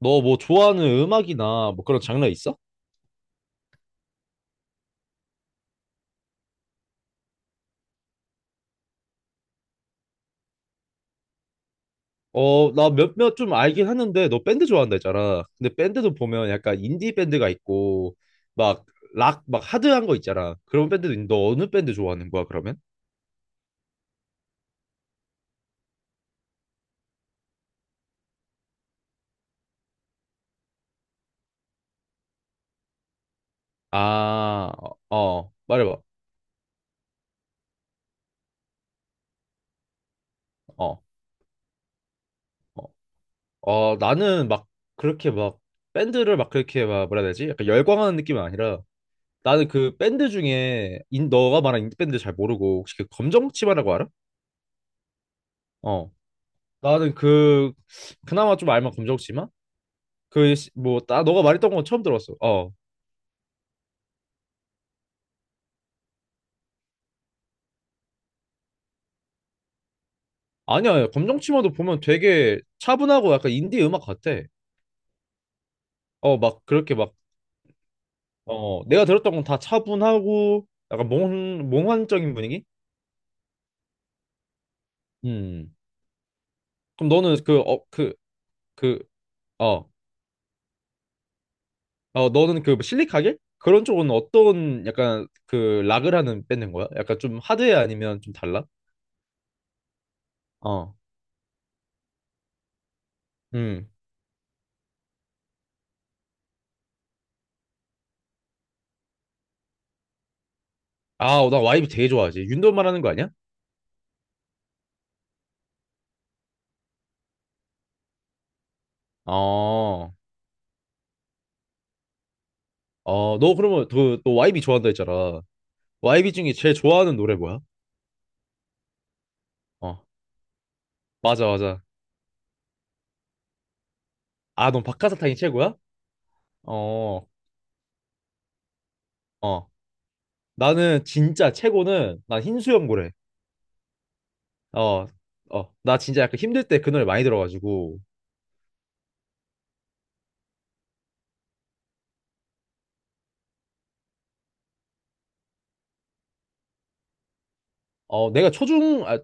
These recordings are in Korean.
너 뭐 좋아하는 음악이나 뭐 그런 장르 있어? 어, 나 몇몇 좀 알긴 하는데 너 밴드 좋아한다 했잖아. 근데 밴드도 보면 약간 인디 밴드가 있고 막 락, 막 하드한 거 있잖아. 그런 밴드도 있는데 너 어느 밴드 좋아하는 거야, 그러면? 아, 어, 말해봐. 어, 어, 어, 나는 막 그렇게 막 밴드를 막 그렇게 막 뭐라 해야 되지? 약간 열광하는 느낌은 아니라 나는 그 밴드 중에 너가 말한 인디 밴드 잘 모르고 혹시 그 검정치마라고 알아? 어. 나는 그 그나마 좀 알만 검정치마? 그뭐나 너가 말했던 건 처음 들었어. 어. 아니야. 아니야. 검정치마도 보면 되게 차분하고 약간 인디 음악 같아. 어, 막 그렇게 막 어, 내가 들었던 건 다 차분하고 약간 몽 몽환적인 분위기? 음. 그럼 너는 그 어 그 어. 어, 너는 그 실리카겔? 그런 쪽은 어떤 약간 그 락을 하는 밴드인 거야? 약간 좀 하드해 아니면 좀 달라? 어. 음. 아, 나 와이브 되게 좋아하지. 윤도 말하는 거 아니야? 어. 어, 너 그러면 그, 너 YB 좋아한다 했잖아. YB 중에 제일 좋아하는 노래 뭐야? 어, 맞아, 맞아. 아, 넌 박하사탕이 최고야? 어, 어. 나는 진짜 최고는, 난 흰수염고래. 어, 어. 나 진짜 약간 힘들 때 그 노래 많이 들어가지고. 어, 내가 아,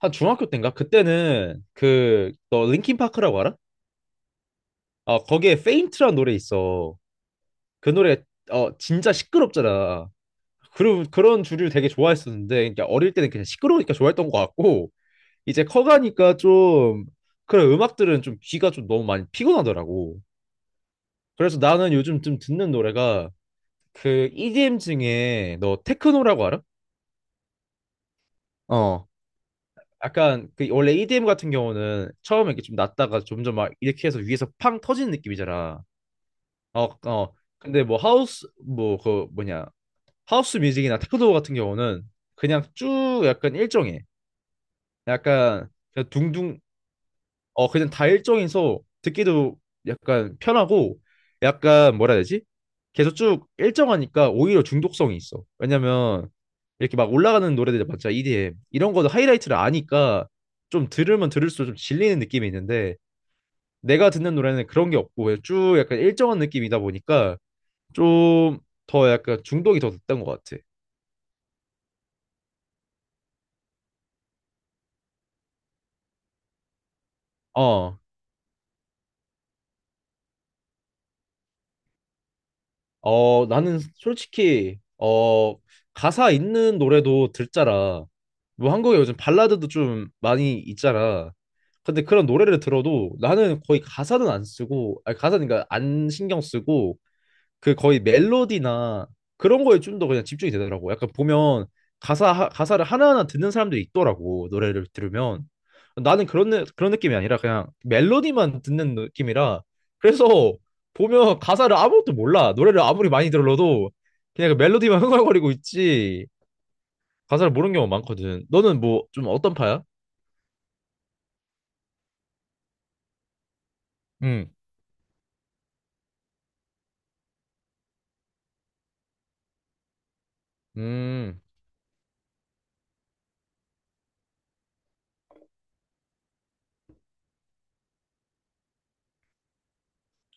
한 중학교 때인가? 그때는 그, 너 linkin파크라고 알아? 어, 거기에 페인트라는 노래 있어. 그 노래, 어, 진짜 시끄럽잖아. 그런 주류 되게 좋아했었는데, 그러니까 어릴 때는 그냥 시끄러우니까 좋아했던 것 같고, 이제 커가니까 좀 그런 음악들은 좀 귀가 좀 너무 많이 피곤하더라고. 그래서 나는 요즘 좀 듣는 노래가 그 EDM 중에 너 테크노라고 알아? 어. 약간 그 원래 EDM 같은 경우는 처음에 이렇게 좀 낮다가 점점 막 이렇게 해서 위에서 팡 터지는 느낌이잖아. 어, 어. 근데 뭐 하우스 뭐 그 뭐냐 하우스 뮤직이나 테크노 같은 경우는 그냥 쭉 약간 일정해. 약간 그냥 둥둥 어 그냥 다 일정해서 듣기도 약간 편하고 약간 뭐라 해야 되지? 계속 쭉 일정하니까 오히려 중독성이 있어. 왜냐면 이렇게 막 올라가는 노래들 많잖아. EDM 이런 거도 하이라이트를 아니까 좀 들으면 들을수록 좀 질리는 느낌이 있는데 내가 듣는 노래는 그런 게 없고 그냥 쭉 약간 일정한 느낌이다 보니까 좀 더 약간 중독이 더 됐던 것 같아. 어. 어, 나는 솔직히, 어, 가사 있는 노래도 듣잖아. 뭐 한국에 요즘 발라드도 좀 많이 있잖아. 근데 그런 노래를 들어도 나는 거의 가사는 안 쓰고, 아니, 가사는 그러니까 안 신경 쓰고, 그 거의 멜로디나 그런 거에 좀 더 그냥 집중이 되더라고. 약간 보면 가사를 하나하나 듣는 사람들이 있더라고. 노래를 들으면 나는 그런 느- 그런 느낌이 아니라 그냥 멜로디만 듣는 느낌이라 그래서 보면 가사를 아무것도 몰라. 노래를 아무리 많이 들어도 그냥 그 멜로디만 흥얼거리고 있지. 가사를 모르는 경우가 많거든. 너는 뭐 좀 어떤 파야? 음. 음.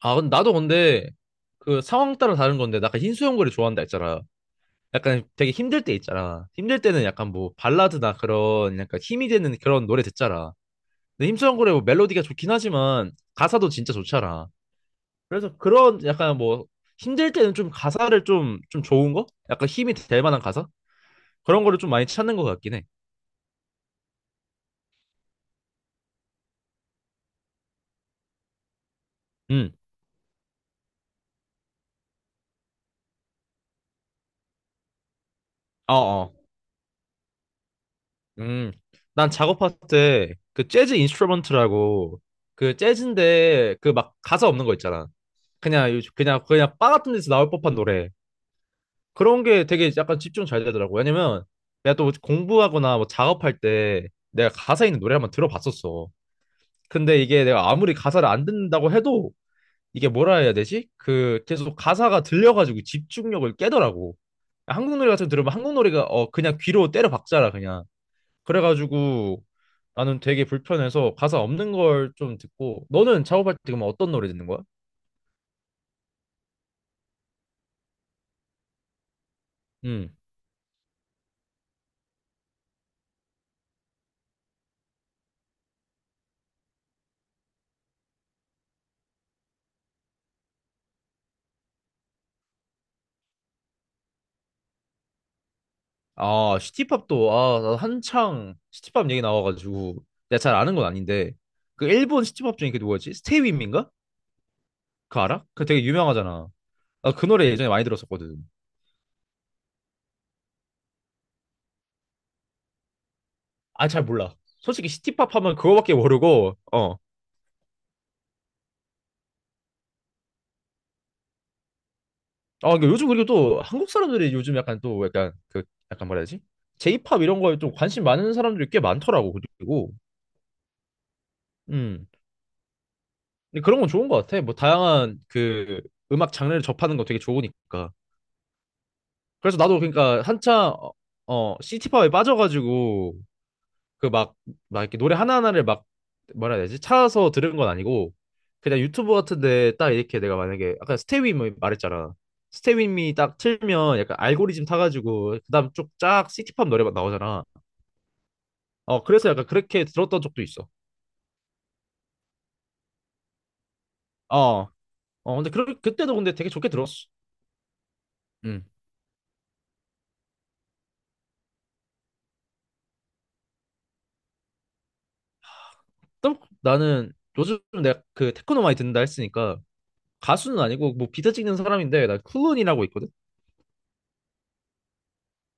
아, 근데 나도 근데 그 상황 따라 다른 건데 나 아까 흰수염고래 좋아한다 했잖아. 약간 되게 힘들 때 있잖아. 힘들 때는 약간 뭐 발라드나 그런 약간 힘이 되는 그런 노래 듣잖아. 근데 힘찬 노래 뭐 멜로디가 좋긴 하지만 가사도 진짜 좋잖아. 그래서 그런 약간 뭐 힘들 때는 좀 가사를 좀 좋은 거? 약간 힘이 될 만한 가사? 그런 거를 좀 많이 찾는 것 같긴 해. 음, 어, 어. 음, 난 작업할 때 그 재즈 인스트루먼트라고 그 재즈인데 그 막 가사 없는 거 있잖아. 그냥 바 같은 데서 나올 법한 노래. 그런 게 되게 약간 집중 잘 되더라고. 왜냐면 내가 또 공부하거나 뭐 작업할 때 내가 가사 있는 노래 한번 들어봤었어. 근데 이게 내가 아무리 가사를 안 듣는다고 해도 이게 뭐라 해야 되지? 그 계속 가사가 들려가지고 집중력을 깨더라고. 한국 노래 같은 거 들으면 한국 노래가 어 그냥 귀로 때려 박잖아 그냥. 그래가지고 나는 되게 불편해서 가사 없는 걸 좀 듣고 너는 작업할 때그 어떤 노래 듣는 거야? 음. 아, 시티팝도, 아, 나 한창 시티팝 얘기 나와가지고, 내가 잘 아는 건 아닌데, 그 일본 시티팝 중에 그 누구였지? 스테이 윈민가? 그거 알아? 그 되게 유명하잖아. 나 그 노래 예전에 많이 들었었거든. 아, 잘 몰라. 솔직히 시티팝 하면 그거밖에 모르고, 어. 아, 근데 요즘 그리고 또 한국 사람들이 요즘 약간 또 약간 그, 약간 뭐라 해야 지 제이팝 이런 거에 좀 관심 많은 사람들이 꽤 많더라고, 그리고. 음. 근데 그런 건 좋은 것 같아. 뭐, 다양한 그 음악 장르를 접하는 거 되게 좋으니까. 그래서 나도 그러니까 한참 어 어, 시티팝에 빠져가지고 그 막 이렇게 노래 하나하나를 막 뭐라 해야 되지 찾아서 들은 건 아니고 그냥 유튜브 같은데 딱 이렇게 내가 만약에 아까 스테이 미 말했잖아. 스테이미 딱 틀면 약간 알고리즘 타가지고 그다음 쭉 쫙 시티팝 노래만 나오잖아. 어 그래서 약간 그렇게 들었던 적도 있어. 어어 근데 그 그때도 근데 되게 좋게 들었어. 음. 또 나는 요즘 내가 그 테크노 많이 듣는다 했으니까 가수는 아니고 뭐 비트 찍는 사람인데 나 클론이라고 있거든.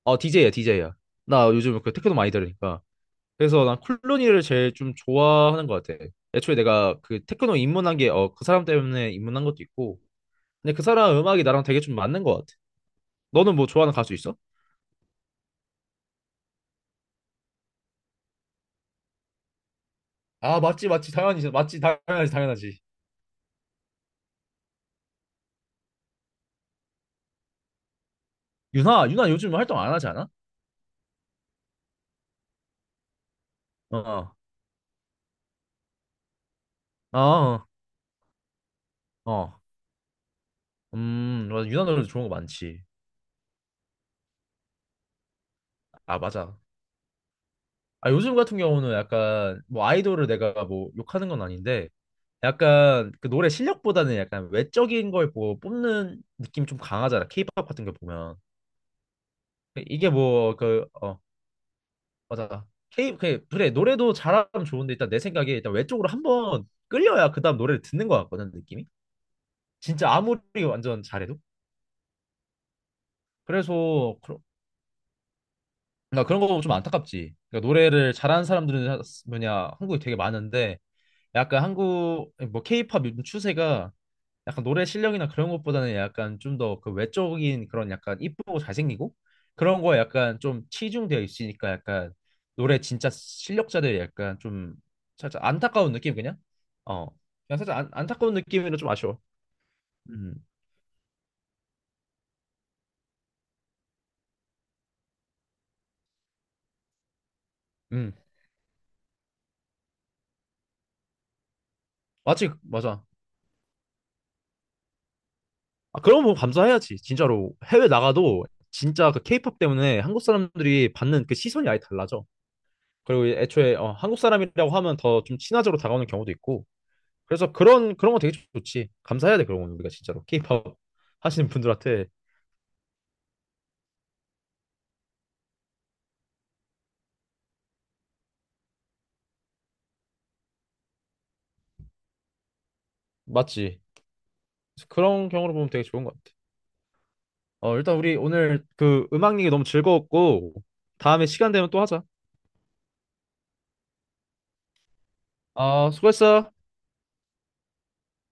어, DJ야, DJ야. 나 요즘 그 테크노 많이 들으니까. 그래서 난쿨로니를 제일 좀 좋아하는 것 같아. 애초에 내가 그 테크노 입문한 게, 어, 그 사람 때문에 입문한 것도 있고. 근데 그 사람 음악이 나랑 되게 좀 맞는 것 같아. 너는 뭐 좋아하는 가수 있어? 아, 맞지, 맞지. 당연히, 맞지. 당연하지, 당연하지. 유나, 유나 요즘 활동 안 하지 않아? 어, 어, 어. 어. 맞아. 유나 노래 좋은 거 많지. 아, 맞아. 아, 요즘 같은 경우는 약간 뭐 아이돌을 내가 뭐 욕하는 건 아닌데 약간 그 노래 실력보다는 약간 외적인 걸 뭐 뽑는 느낌이 좀 강하잖아. 케이팝 같은 거 보면. 이게 뭐 그 어 맞아. K 그 그래 노래도 잘하면 좋은데 일단 내 생각에 일단 외적으로 한번 끌려야 그다음 노래를 듣는 것 같거든 느낌이. 진짜 아무리 완전 잘해도. 그래서 그런 나 그런 거 좀 안타깝지. 그러니까 노래를 잘하는 사람들은 뭐냐 한국에 되게 많은데 약간 한국 뭐 케이팝 요즘 추세가 약간 노래 실력이나 그런 것보다는 약간 좀 더 그 외적인 그런 약간 이쁘고 잘생기고 그런 거에 약간 좀 치중되어 있으니까 약간 노래 진짜 실력자들 약간 좀 살짝 안타까운 느낌 그냥 어 그냥 살짝 안, 안타까운 느낌이라 좀 아쉬워. 음. 음. 맞지 맞아. 아 그런 거 감사해야지 진짜로. 해외 나가도 진짜 그 케이팝 때문에 한국 사람들이 받는 그 시선이 아예 달라져. 그리고 애초에 어, 한국 사람이라고 하면 더 좀 친화적으로 다가오는 경우도 있고 그래서 그런 거 되게 좋지. 감사해야 돼 그런 건 우리가 진짜로. 케이팝 하시는 분들한테 맞지. 그래서 그런 경우로 보면 되게 좋은 것 같아. 어 일단 우리 오늘 그 음악 얘기 너무 즐거웠고 다음에 시간 되면 또 하자. 아 수고했어.